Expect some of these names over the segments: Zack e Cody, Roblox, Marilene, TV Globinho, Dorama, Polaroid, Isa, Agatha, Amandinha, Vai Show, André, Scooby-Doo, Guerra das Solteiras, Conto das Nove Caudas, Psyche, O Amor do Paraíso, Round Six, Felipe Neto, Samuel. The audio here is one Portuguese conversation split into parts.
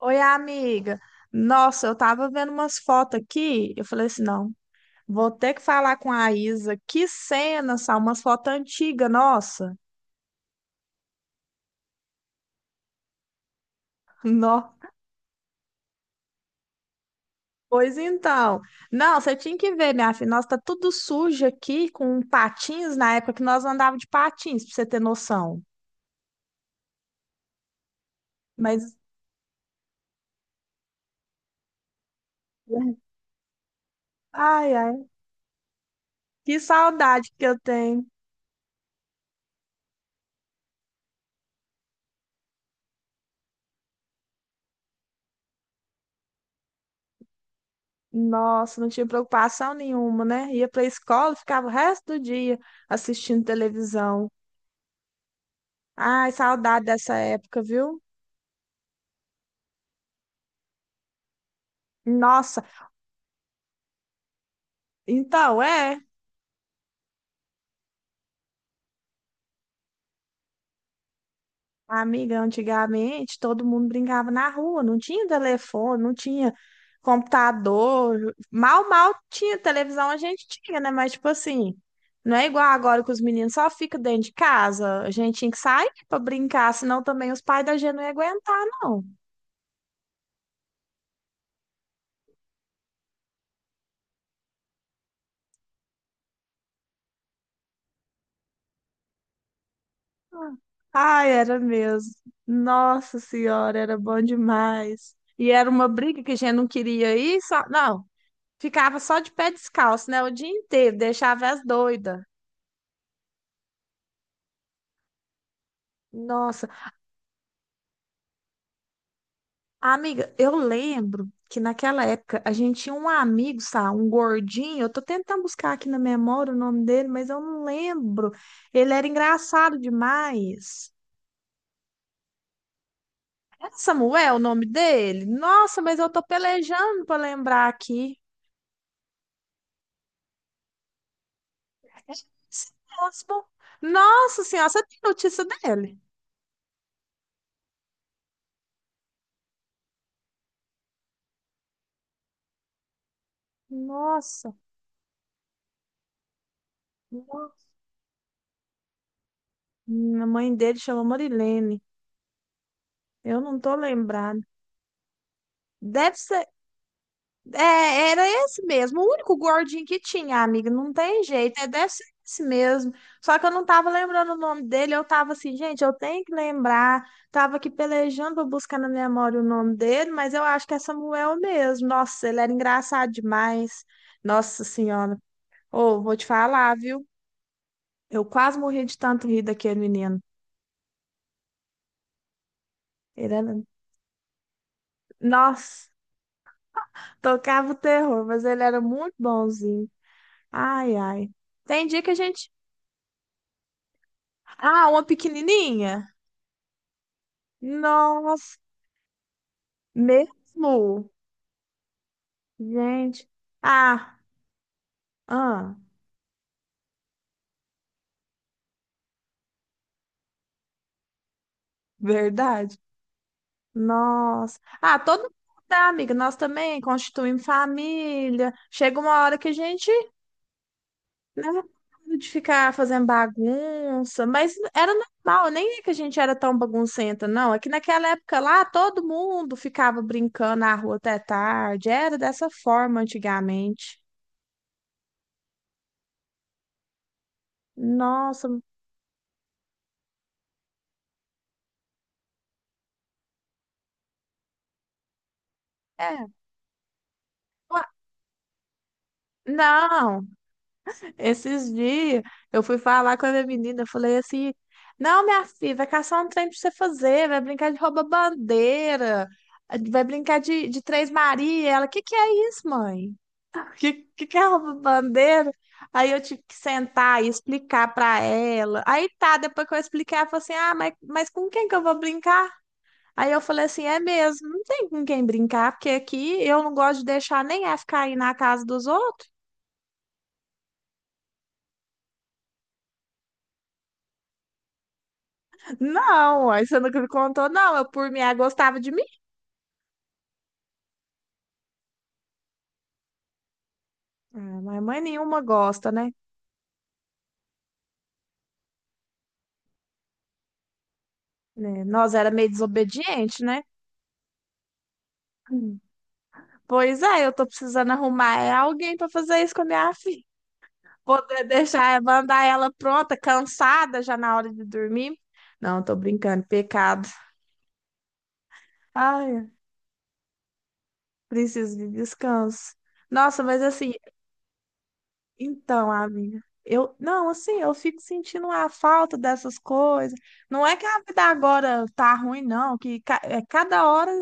Oi, amiga. Nossa, eu tava vendo umas fotos aqui. Eu falei assim: não, vou ter que falar com a Isa. Que cena, só umas fotos antigas, nossa. Nó. Pois então. Não, você tinha que ver, minha filha. Nossa, tá tudo sujo aqui, com patins na época que nós andávamos de patins, pra você ter noção. Mas, ai, ai, que saudade que eu tenho. Nossa, não tinha preocupação nenhuma, né? Ia pra escola, ficava o resto do dia assistindo televisão. Ai, saudade dessa época, viu? Nossa, então é, amiga, antigamente todo mundo brincava na rua, não tinha telefone, não tinha computador, mal tinha televisão, a gente tinha, né? Mas tipo assim, não é igual agora que os meninos só ficam dentro de casa, a gente tinha que sair pra brincar, senão também os pais da gente não iam aguentar, não. Ai, era mesmo. Nossa Senhora, era bom demais. E era uma briga que a gente não queria ir, só... Não, ficava só de pé descalço, né? O dia inteiro, deixava as doidas. Nossa, amiga, eu lembro que naquela época a gente tinha um amigo, sabe? Um gordinho. Eu tô tentando buscar aqui na memória o nome dele, mas eu não lembro. Ele era engraçado demais. É Samuel o nome dele? Nossa, mas eu tô pelejando pra lembrar aqui. É esse mesmo. Nossa senhora, você tem notícia dele? Nossa. Nossa. A mãe dele chama Marilene. Eu não tô lembrada. Deve ser. É, era esse mesmo. O único gordinho que tinha, amiga. Não tem jeito. É, deve ser esse mesmo. Só que eu não tava lembrando o nome dele. Eu tava assim, gente, eu tenho que lembrar. Tava aqui pelejando pra buscar na memória o nome dele, mas eu acho que é Samuel mesmo. Nossa, ele era engraçado demais. Nossa Senhora. Ô, vou te falar, viu? Eu quase morri de tanto rir daquele menino. Ele era. Nossa, tocava o terror, mas ele era muito bonzinho. Ai, ai. Tem dia que a gente. Ah, uma pequenininha? Nossa, mesmo? Gente. Ah, ah, verdade. Nossa. Ah, todo mundo, tá, amiga? Nós também constituímos família. Chega uma hora que a gente, né, de ficar fazendo bagunça, mas era normal, nem é que a gente era tão baguncenta, não. É que naquela época lá, todo mundo ficava brincando na rua até tarde. Era dessa forma antigamente. Nossa, é. Ué, não, esses dias eu fui falar com a minha menina, eu falei assim: não, minha filha, vai caçar um trem pra você fazer, vai brincar de rouba-bandeira, vai brincar de, Três Maria. Ela, o que que é isso, mãe? Que, que é rouba-bandeira? Aí eu tive que sentar e explicar pra ela. Aí tá, depois que eu expliquei, ela falou assim: ah, mas com quem que eu vou brincar? Aí eu falei assim, é mesmo, não tem com quem brincar, porque aqui eu não gosto de deixar nem F cair na casa dos outros. Não, aí você nunca me contou, não, eu por mim, ela gostava de mim. Ah, mas mãe nenhuma gosta, né? Né, nós era meio desobediente, né? Hum. Pois é, eu tô precisando arrumar é alguém pra fazer isso com a minha filha. Poder deixar, mandar ela pronta, cansada já na hora de dormir. Não, tô brincando, pecado. Ai, preciso de descanso. Nossa, mas assim, então, amiga, eu não, assim, eu fico sentindo a falta dessas coisas. Não é que a vida agora tá ruim, não, que ca- é, cada hora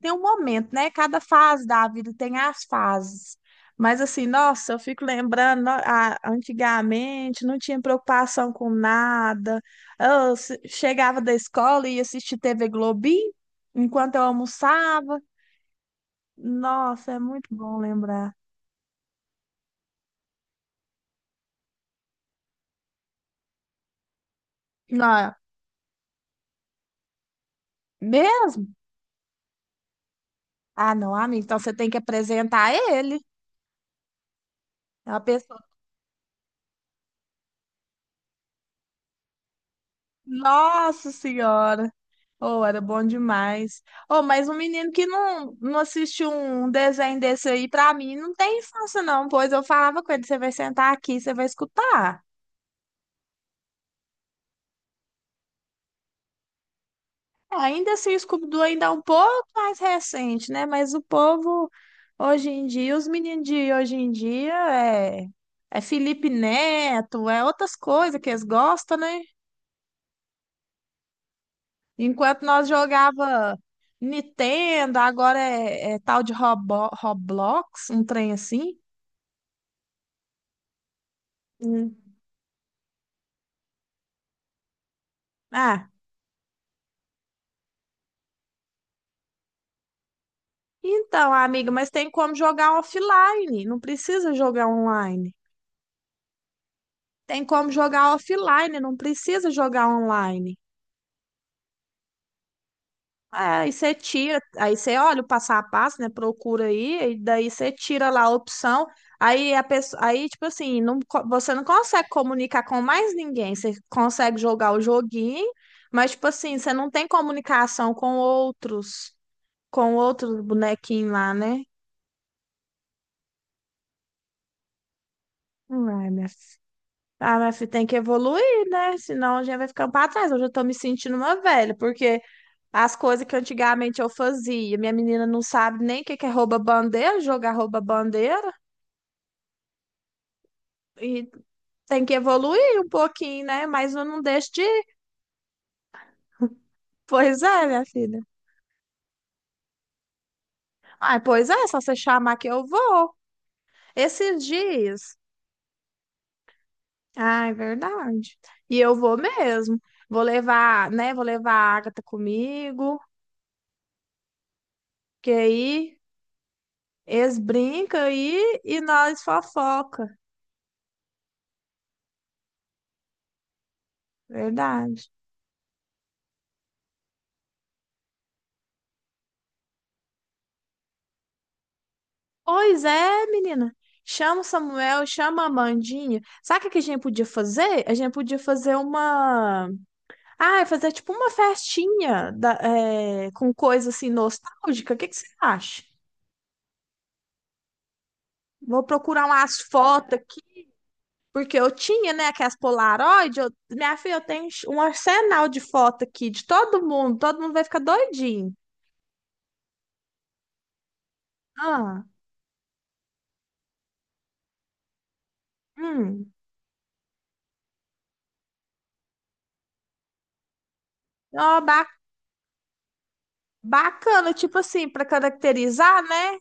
tem um momento, né? Cada fase da vida tem as fases. Mas assim, nossa, eu fico lembrando, no- a- antigamente não tinha preocupação com nada. Eu se- chegava da escola e ia assistir TV Globinho enquanto eu almoçava. Nossa, é muito bom lembrar. Não, é mesmo? Ah, não, amigo. Então você tem que apresentar ele. É uma pessoa. Nossa Senhora! Oh, era bom demais. Oh, mas um menino que não, não assiste um desenho desse aí, pra mim, não tem infância, não. Pois eu falava com ele: você vai sentar aqui, você vai escutar. Ainda assim, o Scooby-Doo ainda é um pouco mais recente, né? Mas o povo, hoje em dia, os meninos de hoje em dia, é, é Felipe Neto, é outras coisas que eles gostam, né? Enquanto nós jogava Nintendo, agora é, é tal de Robo- Roblox, um trem assim. Hum. Ah, então, amiga, mas tem como jogar offline, não precisa jogar online. Tem como jogar offline, não precisa jogar online. Aí você tira, aí você olha o passo a passo, né? Procura aí, e daí você tira lá a opção. Aí a pessoa, aí tipo assim, não, co- você não consegue comunicar com mais ninguém. Você consegue jogar o joguinho, mas tipo assim, você não tem comunicação com outros bonequinhos lá, né? Ai, minha filha. Ah, mas fi- tem que evoluir, né? Senão a gente vai ficando pra trás. Hoje eu tô me sentindo uma velha, porque as coisas que antigamente eu fazia. Minha menina não sabe nem o que que é rouba-bandeira, jogar rouba-bandeira. E tem que evoluir um pouquinho, né? Mas eu não deixo de ir. Pois é, minha filha. Ai, pois é, só você chamar que eu vou. Esses dias. Ah, é verdade. E eu vou mesmo. Vou levar, né? Vou levar a Agatha comigo. Que aí eles brincam aí e nós fofoca. Verdade. Pois é, menina. Chama o Samuel, chama a Amandinha. Sabe o que a gente podia fazer? A gente podia fazer uma. Ah, fazer tipo uma festinha da- é, com coisa assim nostálgica. O que que você acha? Vou procurar umas fotos aqui, porque eu tinha, né, aquelas Polaroid. Eu... Minha filha, eu tenho um arsenal de foto aqui de todo mundo. Todo mundo vai ficar doidinho. Ah, hum. Ó, ba- bacana, tipo assim, para caracterizar, né?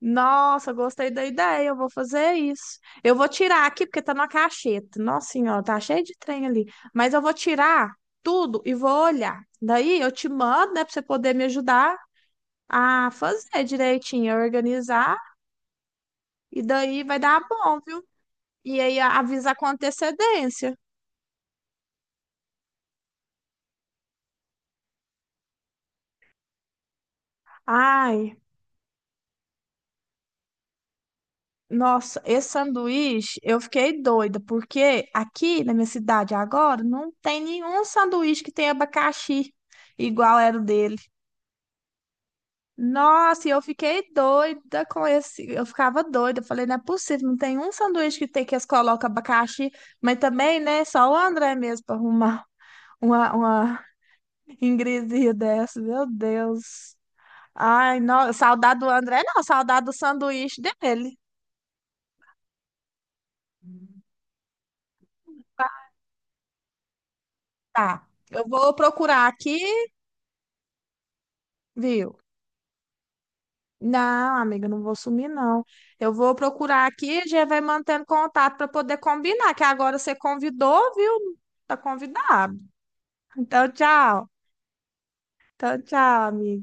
Nossa, gostei da ideia, eu vou fazer isso. Eu vou tirar aqui, porque tá na cacheta. Nossa senhora, tá cheio de trem ali. Mas eu vou tirar tudo e vou olhar. Daí eu te mando, né, pra você poder me ajudar a fazer direitinho, a organizar. E daí vai dar bom, viu? E aí a- avisa com antecedência. Ai, nossa, esse sanduíche, eu fiquei doida, porque aqui na minha cidade agora não tem nenhum sanduíche que tenha abacaxi igual era o dele. Nossa, e eu fiquei doida com esse. Eu ficava doida. Eu falei, não é possível, não tem um sanduíche que tem que eles colocam abacaxi, mas também, né? Só o André mesmo para arrumar uma ingresia dessa. Meu Deus. Ai, não, saudade do André, não, saudade do sanduíche dele. Tá, eu vou procurar aqui, viu? Não, amiga, não vou sumir, não. Eu vou procurar aqui e já vai mantendo contato para poder combinar, que agora você convidou, viu? Tá convidado. Então, tchau. Então, tchau, amigo.